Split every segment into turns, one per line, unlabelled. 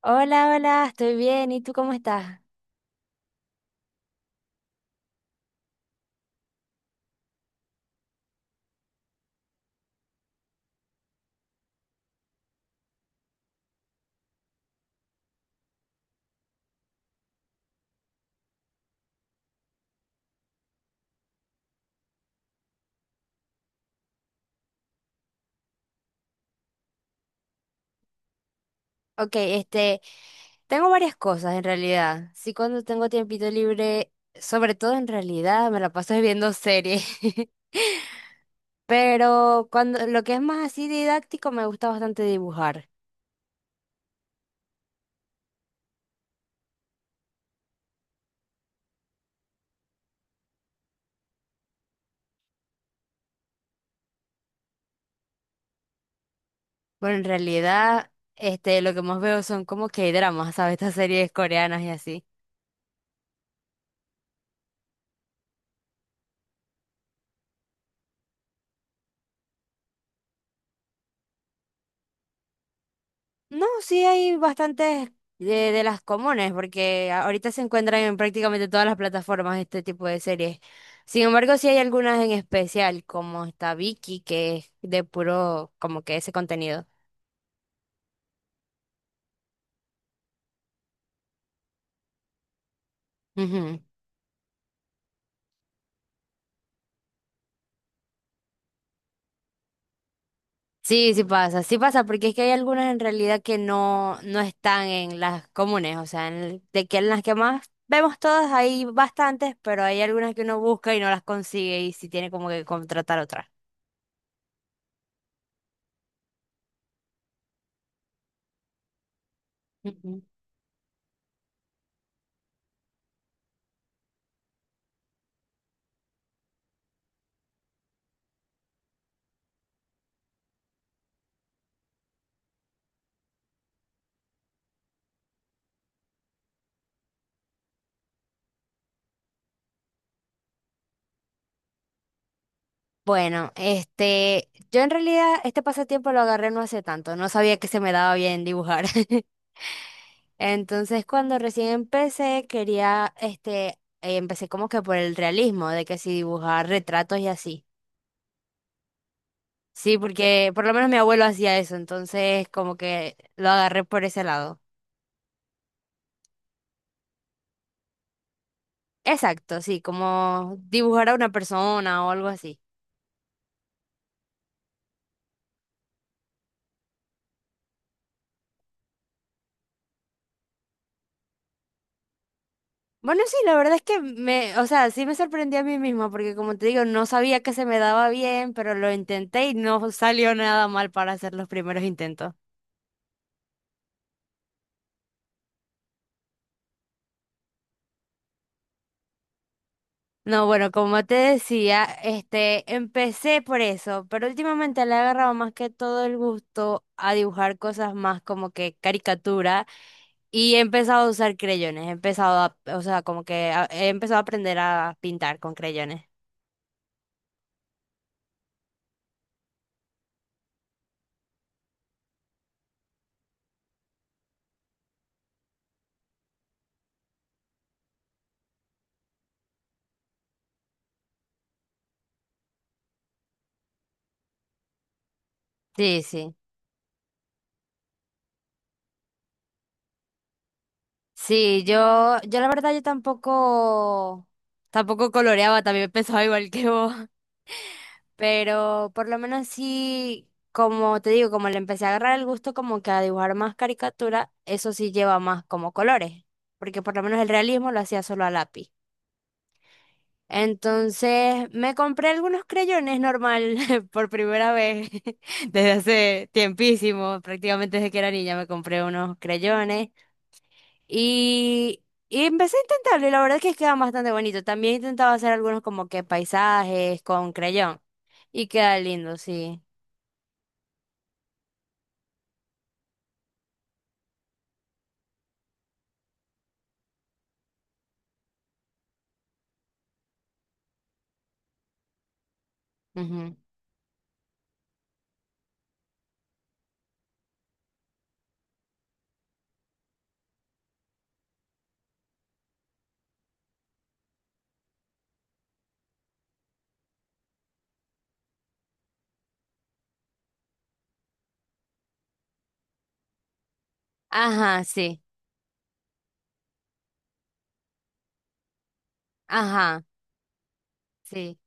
Hola, hola, estoy bien. ¿Y tú cómo estás? Ok, tengo varias cosas en realidad. Sí, cuando tengo tiempito libre, sobre todo en realidad, me la paso viendo series. Pero cuando lo que es más así didáctico, me gusta bastante dibujar. Bueno, en realidad, lo que más veo son como que dramas, ¿sabes? Estas series coreanas y así. No, sí hay bastantes de las comunes, porque ahorita se encuentran en prácticamente todas las plataformas este tipo de series. Sin embargo, sí hay algunas en especial, como está Vicky, que es de puro, como que ese contenido. Ujú. Sí, sí pasa, porque es que hay algunas en realidad que no, no están en las comunes, o sea, de que en las que más vemos todas hay bastantes, pero hay algunas que uno busca y no las consigue y sí tiene como que contratar otras. Bueno, yo en realidad este pasatiempo lo agarré no hace tanto, no sabía que se me daba bien dibujar. Entonces, cuando recién empecé, empecé como que por el realismo, de que si dibujar retratos y así. Sí, porque por lo menos mi abuelo hacía eso, entonces como que lo agarré por ese lado. Exacto, sí, como dibujar a una persona o algo así. Bueno, sí, la verdad es que me, o sea, sí me sorprendí a mí misma porque como te digo, no sabía que se me daba bien, pero lo intenté y no salió nada mal para hacer los primeros intentos. No, bueno, como te decía, empecé por eso, pero últimamente le he agarrado más que todo el gusto a dibujar cosas más como que caricatura y he empezado a usar creyones, he empezado a, o sea, he empezado a aprender a pintar con creyones. Sí, sí. Sí, yo la verdad yo tampoco coloreaba, también pensaba igual que vos, pero por lo menos sí, como te digo, como le empecé a agarrar el gusto como que a dibujar más caricatura, eso sí lleva más como colores, porque por lo menos el realismo lo hacía solo a lápiz. Entonces me compré algunos creyones normal por primera vez desde hace tiempísimo, prácticamente desde que era niña me compré unos creyones. Y empecé a intentarlo y la verdad es que queda bastante bonito. También intentaba hacer algunos como que paisajes con creyón y queda lindo, sí. Ujú. Ajá, sí, ajá, sí,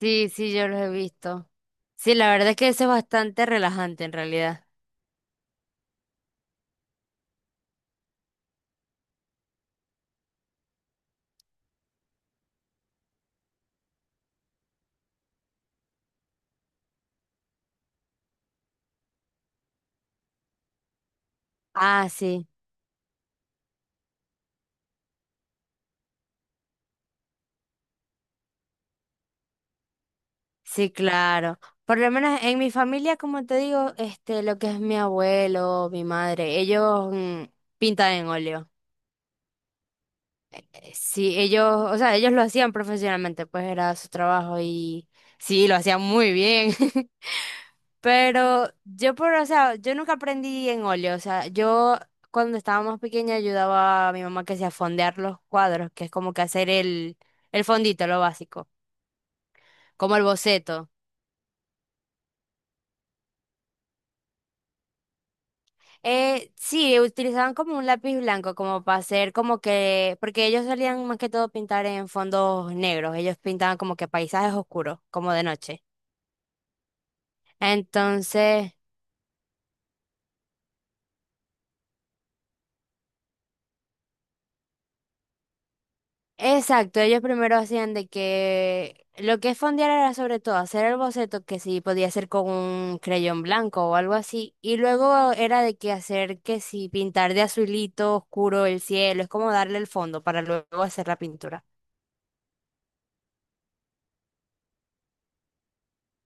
sí, sí, yo los he visto. Sí, la verdad es que eso es bastante relajante en realidad. Ah, sí, sí, claro. Por lo menos en mi familia, como te digo, lo que es mi abuelo, mi madre, ellos pintan en óleo. Sí, ellos, o sea, ellos lo hacían profesionalmente, pues era su trabajo y sí, lo hacían muy bien. Pero yo por, o sea, yo nunca aprendí en óleo, o sea, yo cuando estaba más pequeña ayudaba a mi mamá que sea a fondear los cuadros, que es como que hacer el fondito, lo básico, como el boceto. Sí, utilizaban como un lápiz blanco, como para hacer como que, porque ellos solían más que todo pintar en fondos negros, ellos pintaban como que paisajes oscuros, como de noche. Entonces, exacto, ellos primero hacían de que lo que es fondear era sobre todo hacer el boceto que sí podía hacer con un creyón blanco o algo así, y luego era de que hacer que sí pintar de azulito oscuro el cielo, es como darle el fondo para luego hacer la pintura.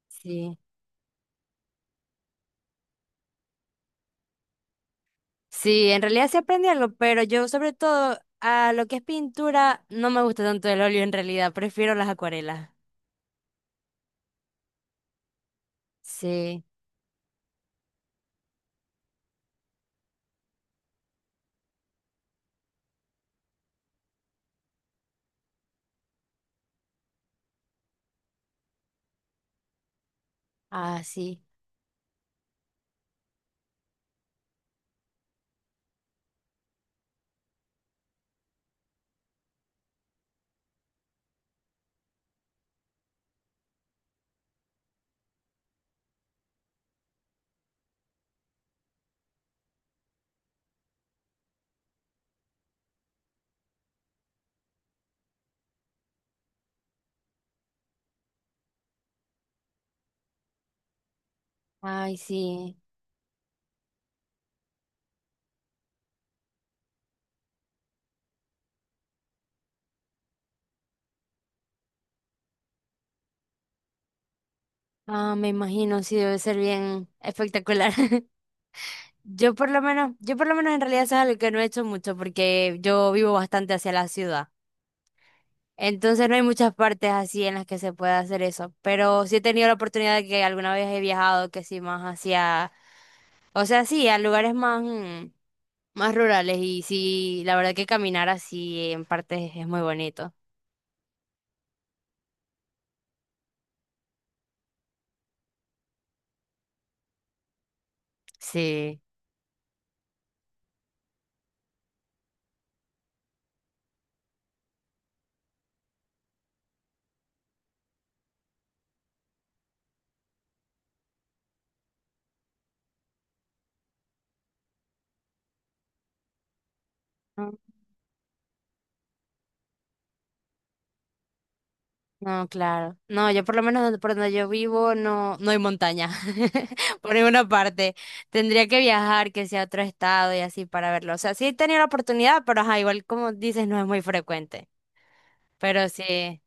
Sí. Sí, en realidad sí aprendí algo, pero yo sobre todo a lo que es pintura no me gusta tanto el óleo en realidad, prefiero las acuarelas. Sí, ah, sí, ay, sí, ah, me imagino, sí, debe ser bien espectacular. Yo por lo menos en realidad eso es algo que no he hecho mucho porque yo vivo bastante hacia la ciudad. Entonces no hay muchas partes así en las que se pueda hacer eso. Pero sí he tenido la oportunidad de que alguna vez he viajado que sí más hacia, o sea, sí, a lugares más, más rurales y sí, la verdad que caminar así en partes es muy bonito. Sí. No, claro. No, yo por lo menos por donde yo vivo no, no hay montaña. Por ninguna parte. Tendría que viajar, que sea a otro estado y así para verlo. O sea, sí he tenido la oportunidad, pero ajá, igual como dices, no es muy frecuente. Pero sí.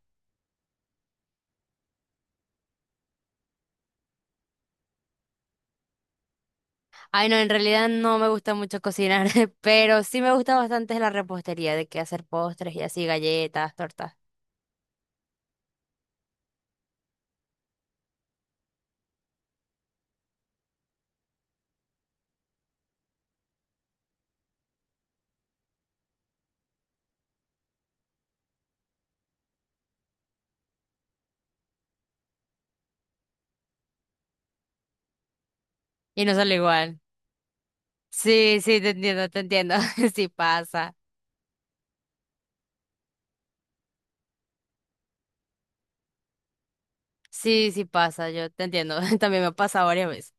Ay, no, en realidad no me gusta mucho cocinar, pero sí me gusta bastante la repostería, de que hacer postres y así, galletas, tortas. Y no sale igual. Sí, sí, te entiendo. Sí pasa. Sí, sí pasa, yo te entiendo. También me pasa varias veces.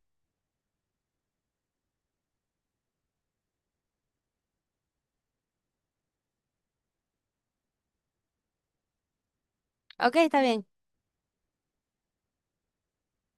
Ok, está bien.